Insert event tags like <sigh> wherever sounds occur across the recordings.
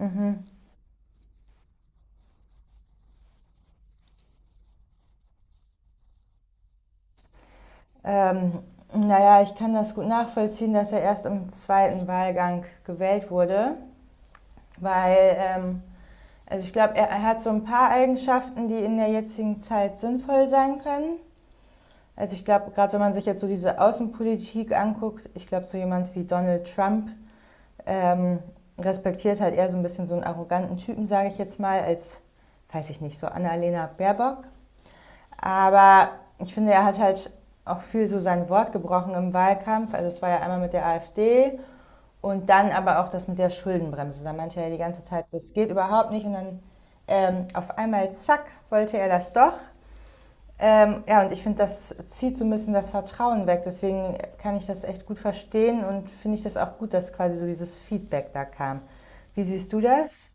Hm. Ähm, naja, ich kann das gut nachvollziehen, dass er erst im zweiten Wahlgang gewählt wurde, weil, also ich glaube, er hat so ein paar Eigenschaften, die in der jetzigen Zeit sinnvoll sein können. Also ich glaube, gerade wenn man sich jetzt so diese Außenpolitik anguckt, ich glaube, so jemand wie Donald Trump ähm, respektiert halt eher so ein bisschen so einen arroganten Typen, sage ich jetzt mal, als, weiß ich nicht, so Annalena Baerbock. Aber ich finde, er hat halt auch viel so sein Wort gebrochen im Wahlkampf. Also es war ja einmal mit der AfD und dann aber auch das mit der Schuldenbremse. Da meinte er ja die ganze Zeit, das geht überhaupt nicht. Und dann auf einmal, zack, wollte er das doch. Ja, und ich finde, das zieht so ein bisschen das Vertrauen weg. Deswegen kann ich das echt gut verstehen und finde ich das auch gut, dass quasi so dieses Feedback da kam. Wie siehst du das?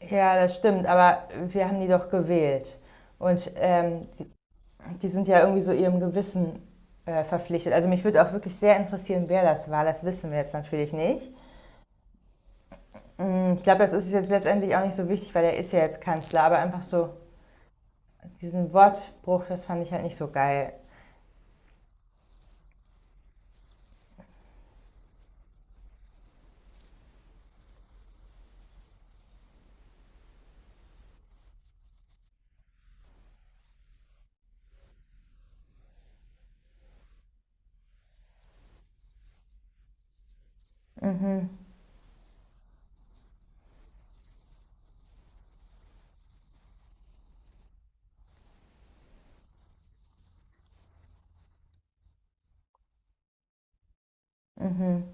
Ja, das stimmt, aber wir haben die doch gewählt. Und die sind ja irgendwie so ihrem Gewissen verpflichtet. Also mich würde auch wirklich sehr interessieren, wer das war. Das wissen wir jetzt natürlich nicht. Ich glaube, das ist jetzt letztendlich auch nicht so wichtig, weil er ist ja jetzt Kanzler. Aber einfach so diesen Wortbruch, das fand ich halt nicht so geil. Mhm, mhm.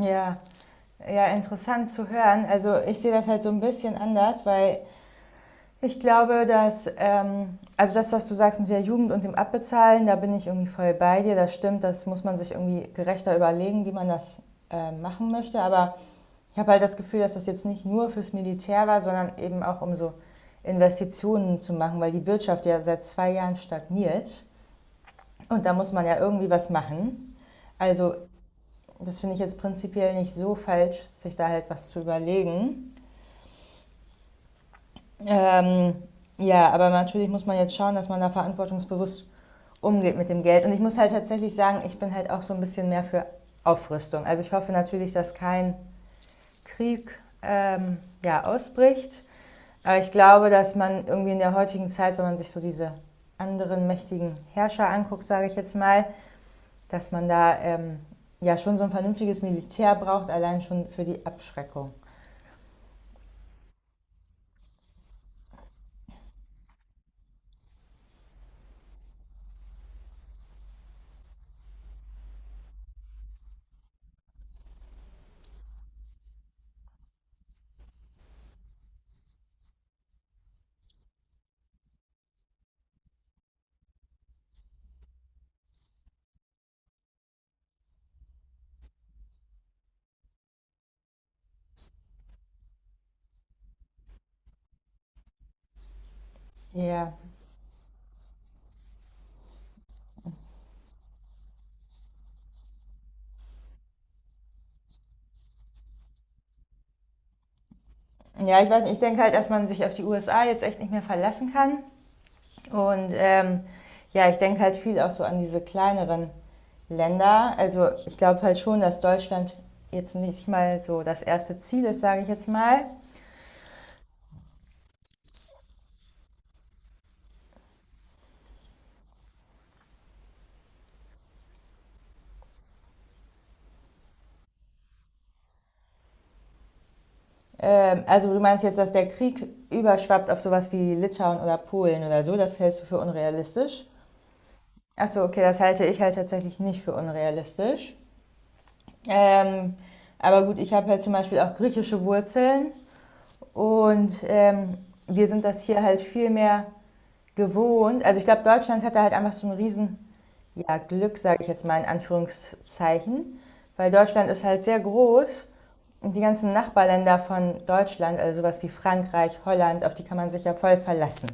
Ja, ja, interessant zu hören. Also ich sehe das halt so ein bisschen anders, weil ich glaube, dass, also das, was du sagst mit der Jugend und dem Abbezahlen, da bin ich irgendwie voll bei dir. Das stimmt, das muss man sich irgendwie gerechter überlegen, wie man das machen möchte. Aber ich habe halt das Gefühl, dass das jetzt nicht nur fürs Militär war, sondern eben auch um so Investitionen zu machen, weil die Wirtschaft ja seit 2 Jahren stagniert. Und da muss man ja irgendwie was machen. Also das finde ich jetzt prinzipiell nicht so falsch, sich da halt was zu überlegen. Ähm, ja, aber natürlich muss man jetzt schauen, dass man da verantwortungsbewusst umgeht mit dem Geld. Und ich muss halt tatsächlich sagen, ich bin halt auch so ein bisschen mehr für Aufrüstung. Also ich hoffe natürlich, dass kein Krieg ja, ausbricht. Aber ich glaube, dass man irgendwie in der heutigen Zeit, wenn man sich so diese anderen mächtigen Herrscher anguckt, sage ich jetzt mal, dass man da ja schon so ein vernünftiges Militär braucht, allein schon für die Abschreckung. Ja. Ja, ich weiß nicht, ich denke halt, dass man sich auf die USA jetzt echt nicht mehr verlassen kann. Und ja, ich denke halt viel auch so an diese kleineren Länder. Also ich glaube halt schon, dass Deutschland jetzt nicht mal so das erste Ziel ist, sage ich jetzt mal. Also du meinst jetzt, dass der Krieg überschwappt auf sowas wie Litauen oder Polen oder so, das hältst du für unrealistisch. Achso, okay, das halte ich halt tatsächlich nicht für unrealistisch. Ähm, aber gut, ich habe halt zum Beispiel auch griechische Wurzeln und wir sind das hier halt viel mehr gewohnt. Also ich glaube, Deutschland hatte halt einfach so ein riesen ja, Glück, sage ich jetzt mal in Anführungszeichen, weil Deutschland ist halt sehr groß und die ganzen Nachbarländer von Deutschland, also sowas wie Frankreich, Holland, auf die kann man sich ja voll verlassen.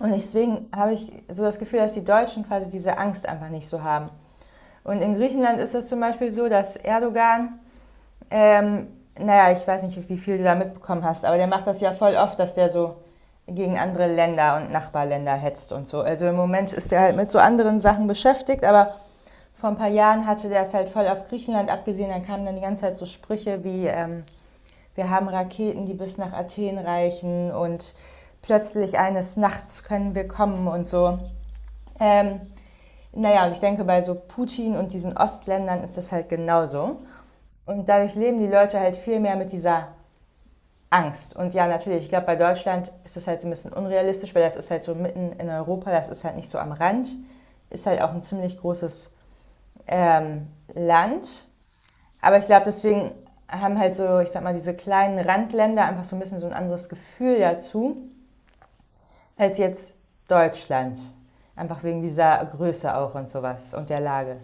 Und deswegen habe ich so das Gefühl, dass die Deutschen quasi diese Angst einfach nicht so haben. Und in Griechenland ist es zum Beispiel so, dass Erdogan ähm, naja, ich weiß nicht, wie viel du da mitbekommen hast, aber der macht das ja voll oft, dass der so gegen andere Länder und Nachbarländer hetzt und so. Also im Moment ist er halt mit so anderen Sachen beschäftigt, aber vor ein paar Jahren hatte der es halt voll auf Griechenland abgesehen. Dann kamen dann die ganze Zeit so Sprüche wie, wir haben Raketen, die bis nach Athen reichen und plötzlich eines Nachts können wir kommen und so. Ähm, naja, und ich denke, bei so Putin und diesen Ostländern ist das halt genauso. Und dadurch leben die Leute halt viel mehr mit dieser Angst. Und ja, natürlich, ich glaube, bei Deutschland ist das halt so ein bisschen unrealistisch, weil das ist halt so mitten in Europa, das ist halt nicht so am Rand. Ist halt auch ein ziemlich großes ähm, Land. Aber ich glaube, deswegen haben halt so, ich sag mal, diese kleinen Randländer einfach so ein bisschen so ein anderes Gefühl dazu, als jetzt Deutschland. Einfach wegen dieser Größe auch und sowas und der Lage.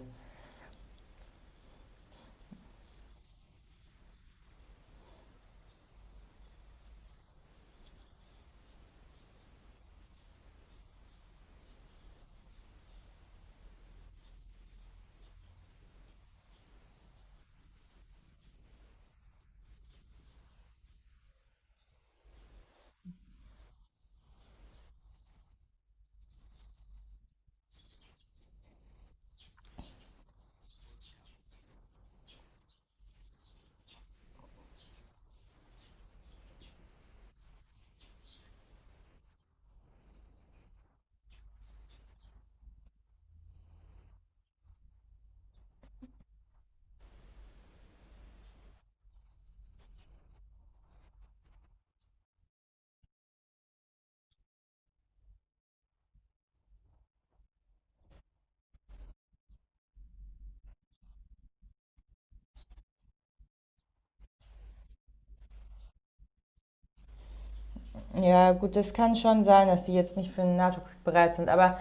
Ja, gut, das kann schon sein, dass die jetzt nicht für einen NATO-Krieg bereit sind, aber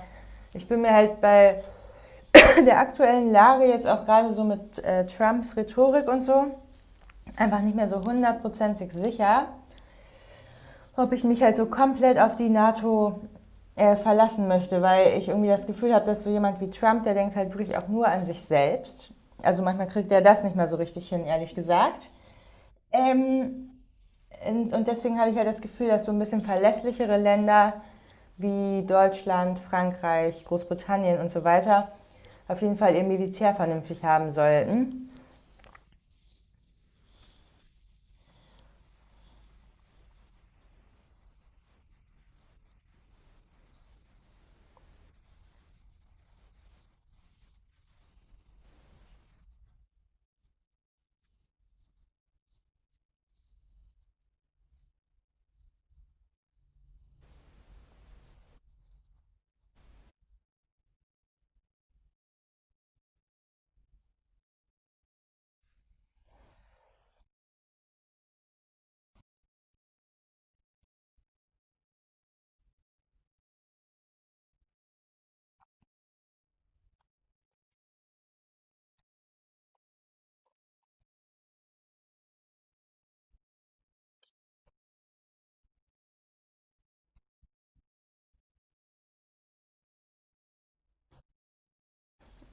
ich bin mir halt bei <laughs> der aktuellen Lage jetzt auch gerade so mit Trumps Rhetorik und so einfach nicht mehr so hundertprozentig sicher, ob ich mich halt so komplett auf die NATO verlassen möchte, weil ich irgendwie das Gefühl habe, dass so jemand wie Trump, der denkt halt wirklich auch nur an sich selbst. Also manchmal kriegt er das nicht mehr so richtig hin, ehrlich gesagt. Ähm, und deswegen habe ich ja halt das Gefühl, dass so ein bisschen verlässlichere Länder wie Deutschland, Frankreich, Großbritannien und so weiter auf jeden Fall ihr Militär vernünftig haben sollten.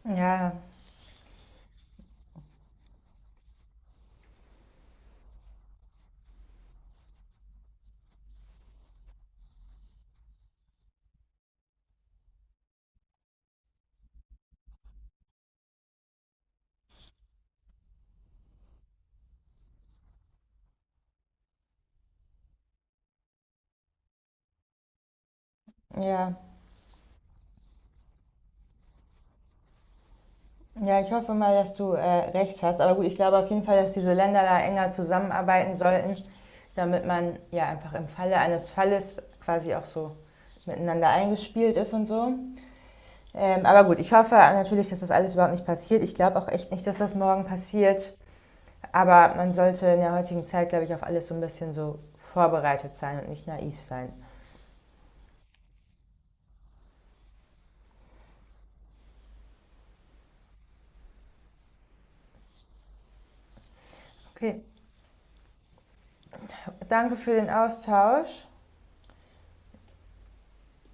Ja, ja. Ja, ich hoffe mal, dass du recht hast. Aber gut, ich glaube auf jeden Fall, dass diese Länder da enger zusammenarbeiten sollten, damit man ja einfach im Falle eines Falles quasi auch so miteinander eingespielt ist und so. Aber gut, ich hoffe natürlich, dass das alles überhaupt nicht passiert. Ich glaube auch echt nicht, dass das morgen passiert. Aber man sollte in der heutigen Zeit, glaube ich, auf alles so ein bisschen so vorbereitet sein und nicht naiv sein. Okay, danke für den Austausch.